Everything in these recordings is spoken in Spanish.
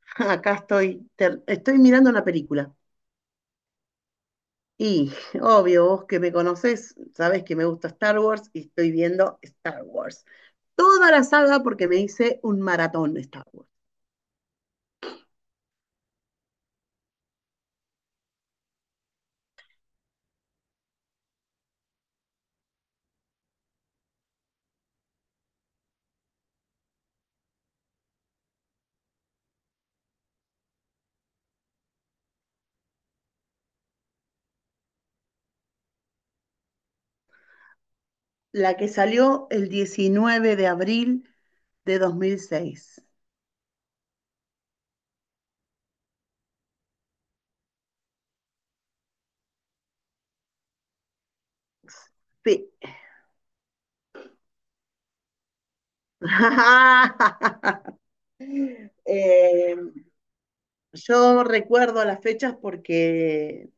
Acá estoy, estoy mirando una película. Y obvio, vos que me conocés, sabés que me gusta Star Wars y estoy viendo Star Wars. Toda la saga porque me hice un maratón de Star Wars. La que salió el 19 de abril de 2006. Sí. Eh, yo recuerdo las fechas porque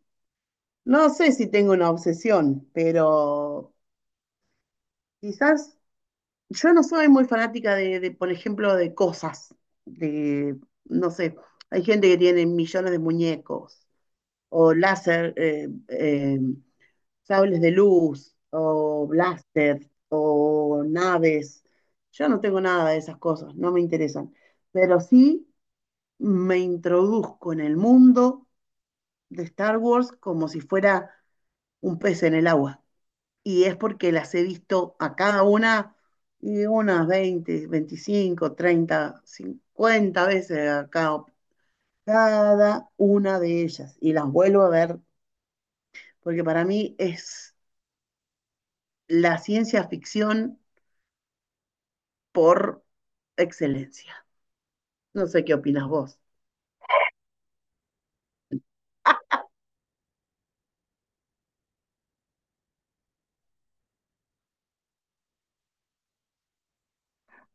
no sé si tengo una obsesión, pero quizás yo no soy muy fanática de, por ejemplo, de cosas, de, no sé, hay gente que tiene millones de muñecos, o láser, sables de luz, o blaster, o naves. Yo no tengo nada de esas cosas, no me interesan. Pero sí me introduzco en el mundo de Star Wars como si fuera un pez en el agua, y es porque las he visto a cada una y unas 20, 25, 30, 50 veces a cada, cada una de ellas, y las vuelvo a ver porque para mí es la ciencia ficción por excelencia. No sé qué opinas vos.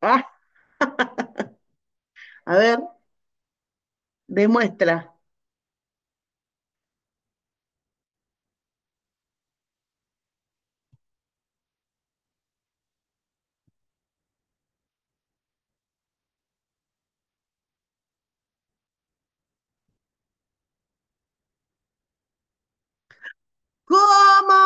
Ah, a ver, demuestra. ¿Cómo?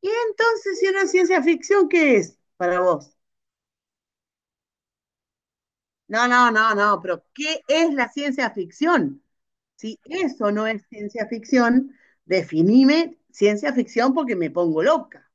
¿Y entonces si no es ciencia ficción, qué es para vos? No, no, no, no, pero ¿qué es la ciencia ficción? Si eso no es ciencia ficción, definime ciencia ficción porque me pongo loca.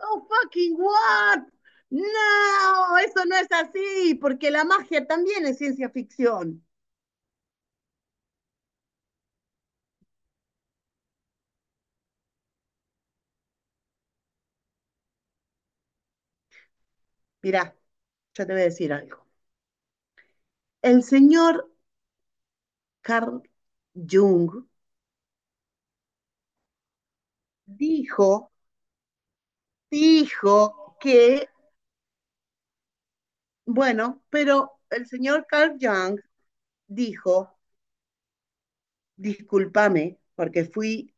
Oh, fucking what? No, eso no es así, porque la magia también es ciencia ficción. Mirá, yo te voy a decir algo. El señor Carl Jung dijo, dijo que, bueno, pero el señor Carl Jung dijo, discúlpame, porque fui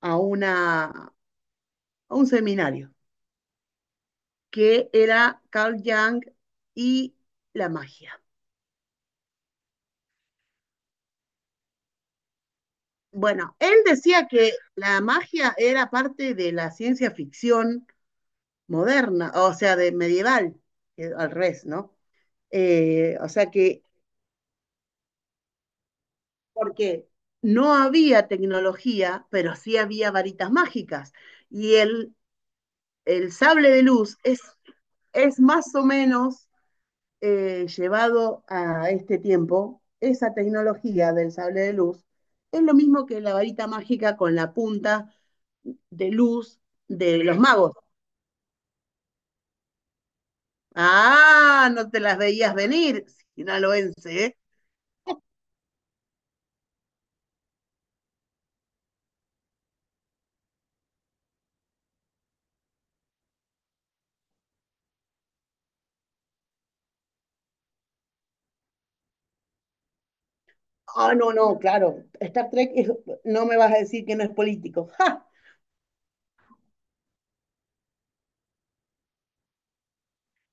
a, una, a un seminario que era Carl Jung y la magia. Bueno, él decía que la magia era parte de la ciencia ficción moderna, o sea, de medieval, al revés, ¿no? O sea que, porque no había tecnología, pero sí había varitas mágicas. Y el sable de luz es más o menos llevado a este tiempo, esa tecnología del sable de luz es lo mismo que la varita mágica con la punta de luz de los magos. Ah, no te las veías venir, sinaloense, ¿eh? Ah, no, no, claro. No me vas a decir que no es político. ¡Ja!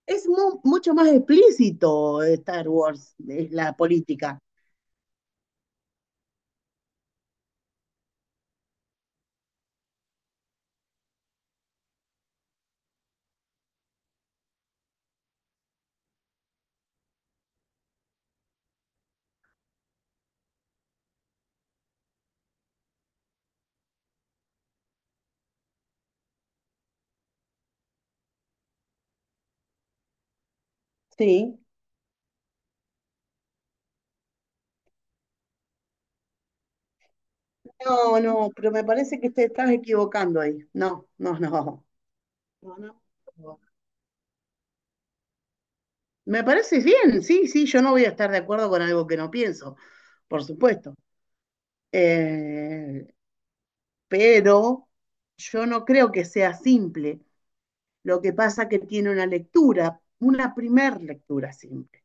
Es mucho más explícito, Star Wars, es la política. Sí. No, no, pero me parece que te estás equivocando ahí. No, no, no. No, no. Me parece bien, sí, sí, yo no voy a estar de acuerdo con algo que no pienso, por supuesto. Eh, pero yo no creo que sea simple. Lo que pasa que tiene una lectura, una primer lectura simple.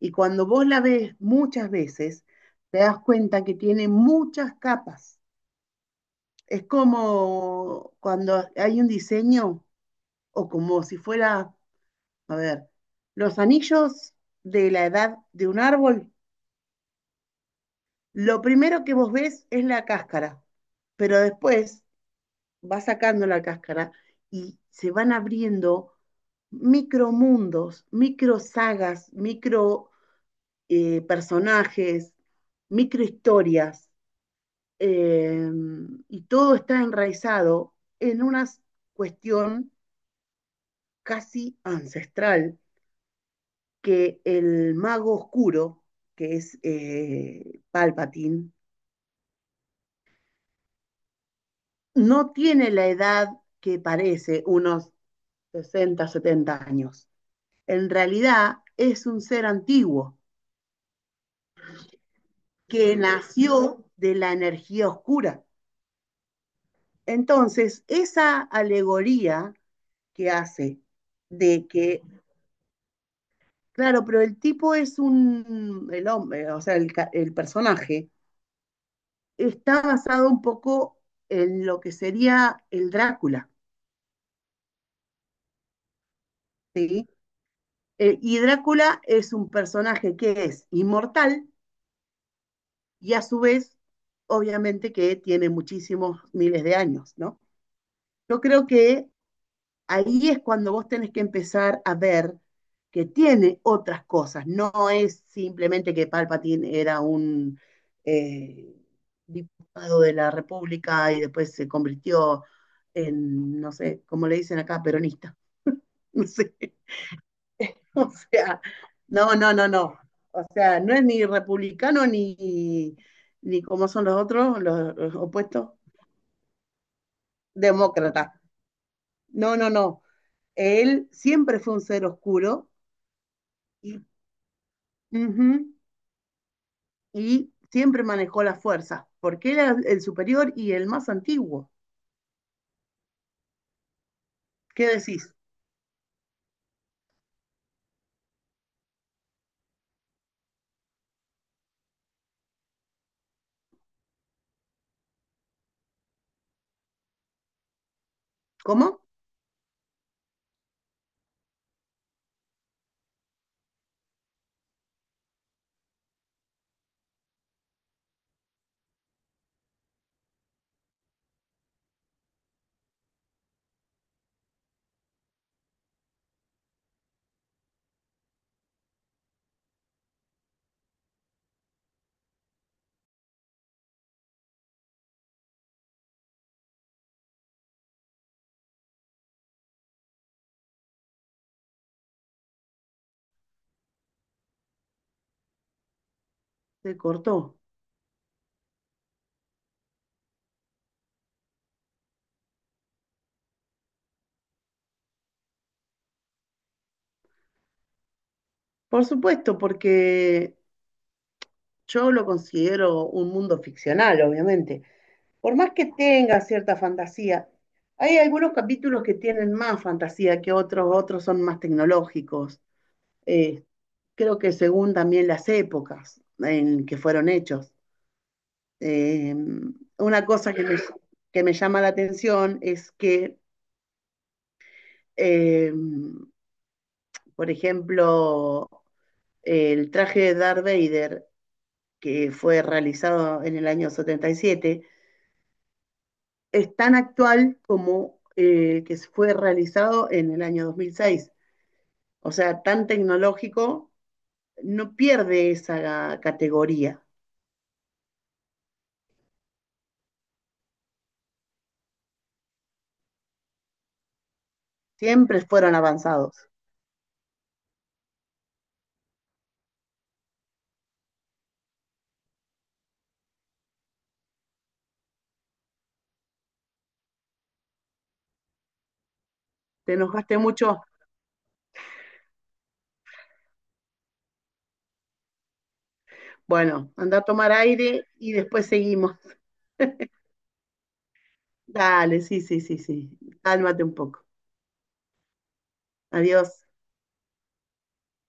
Y cuando vos la ves muchas veces, te das cuenta que tiene muchas capas. Es como cuando hay un diseño o como si fuera, a ver, los anillos de la edad de un árbol. Lo primero que vos ves es la cáscara, pero después vas sacando la cáscara y se van abriendo micromundos, micro sagas, micro personajes, micro historias, eh, y todo está enraizado en una cuestión casi ancestral, que el mago oscuro, que es Palpatine, no tiene la edad que parece, unos sesenta, 70 años. En realidad es un ser antiguo que nació de la energía oscura. Entonces, esa alegoría que hace de que, claro, pero el tipo es un, el hombre, o sea, el personaje, está basado un poco en lo que sería el Drácula, ¿sí? Y Drácula es un personaje que es inmortal, y a su vez, obviamente que tiene muchísimos miles de años, ¿no? Yo creo que ahí es cuando vos tenés que empezar a ver que tiene otras cosas, no es simplemente que Palpatine era un eh, diputado de la República y después se convirtió en, no sé, como le dicen acá, peronista, no sé. O sea, no, no, no, no. O sea, no es ni republicano ni, ni como son los otros, los opuestos, demócrata. No, no, no. Él siempre fue un ser oscuro y, ujú, y siempre manejó las fuerzas, porque era el superior y el más antiguo. ¿Qué decís? ¿Cómo? Se cortó. Por supuesto, porque yo lo considero un mundo ficcional, obviamente, por más que tenga cierta fantasía, hay algunos capítulos que tienen más fantasía que otros, otros son más tecnológicos. Eh, creo que según también las épocas en que fueron hechos. Eh, una cosa que me llama la atención es que, eh, por ejemplo, el traje de Darth Vader, que fue realizado en el año 77, es tan actual como el que fue realizado en el año 2006. O sea, tan tecnológico, no pierde esa categoría. Siempre fueron avanzados. ¿Te enojaste mucho? Bueno, anda a tomar aire y después seguimos. Dale, sí, sí, sí, sí. Cálmate un poco. Adiós.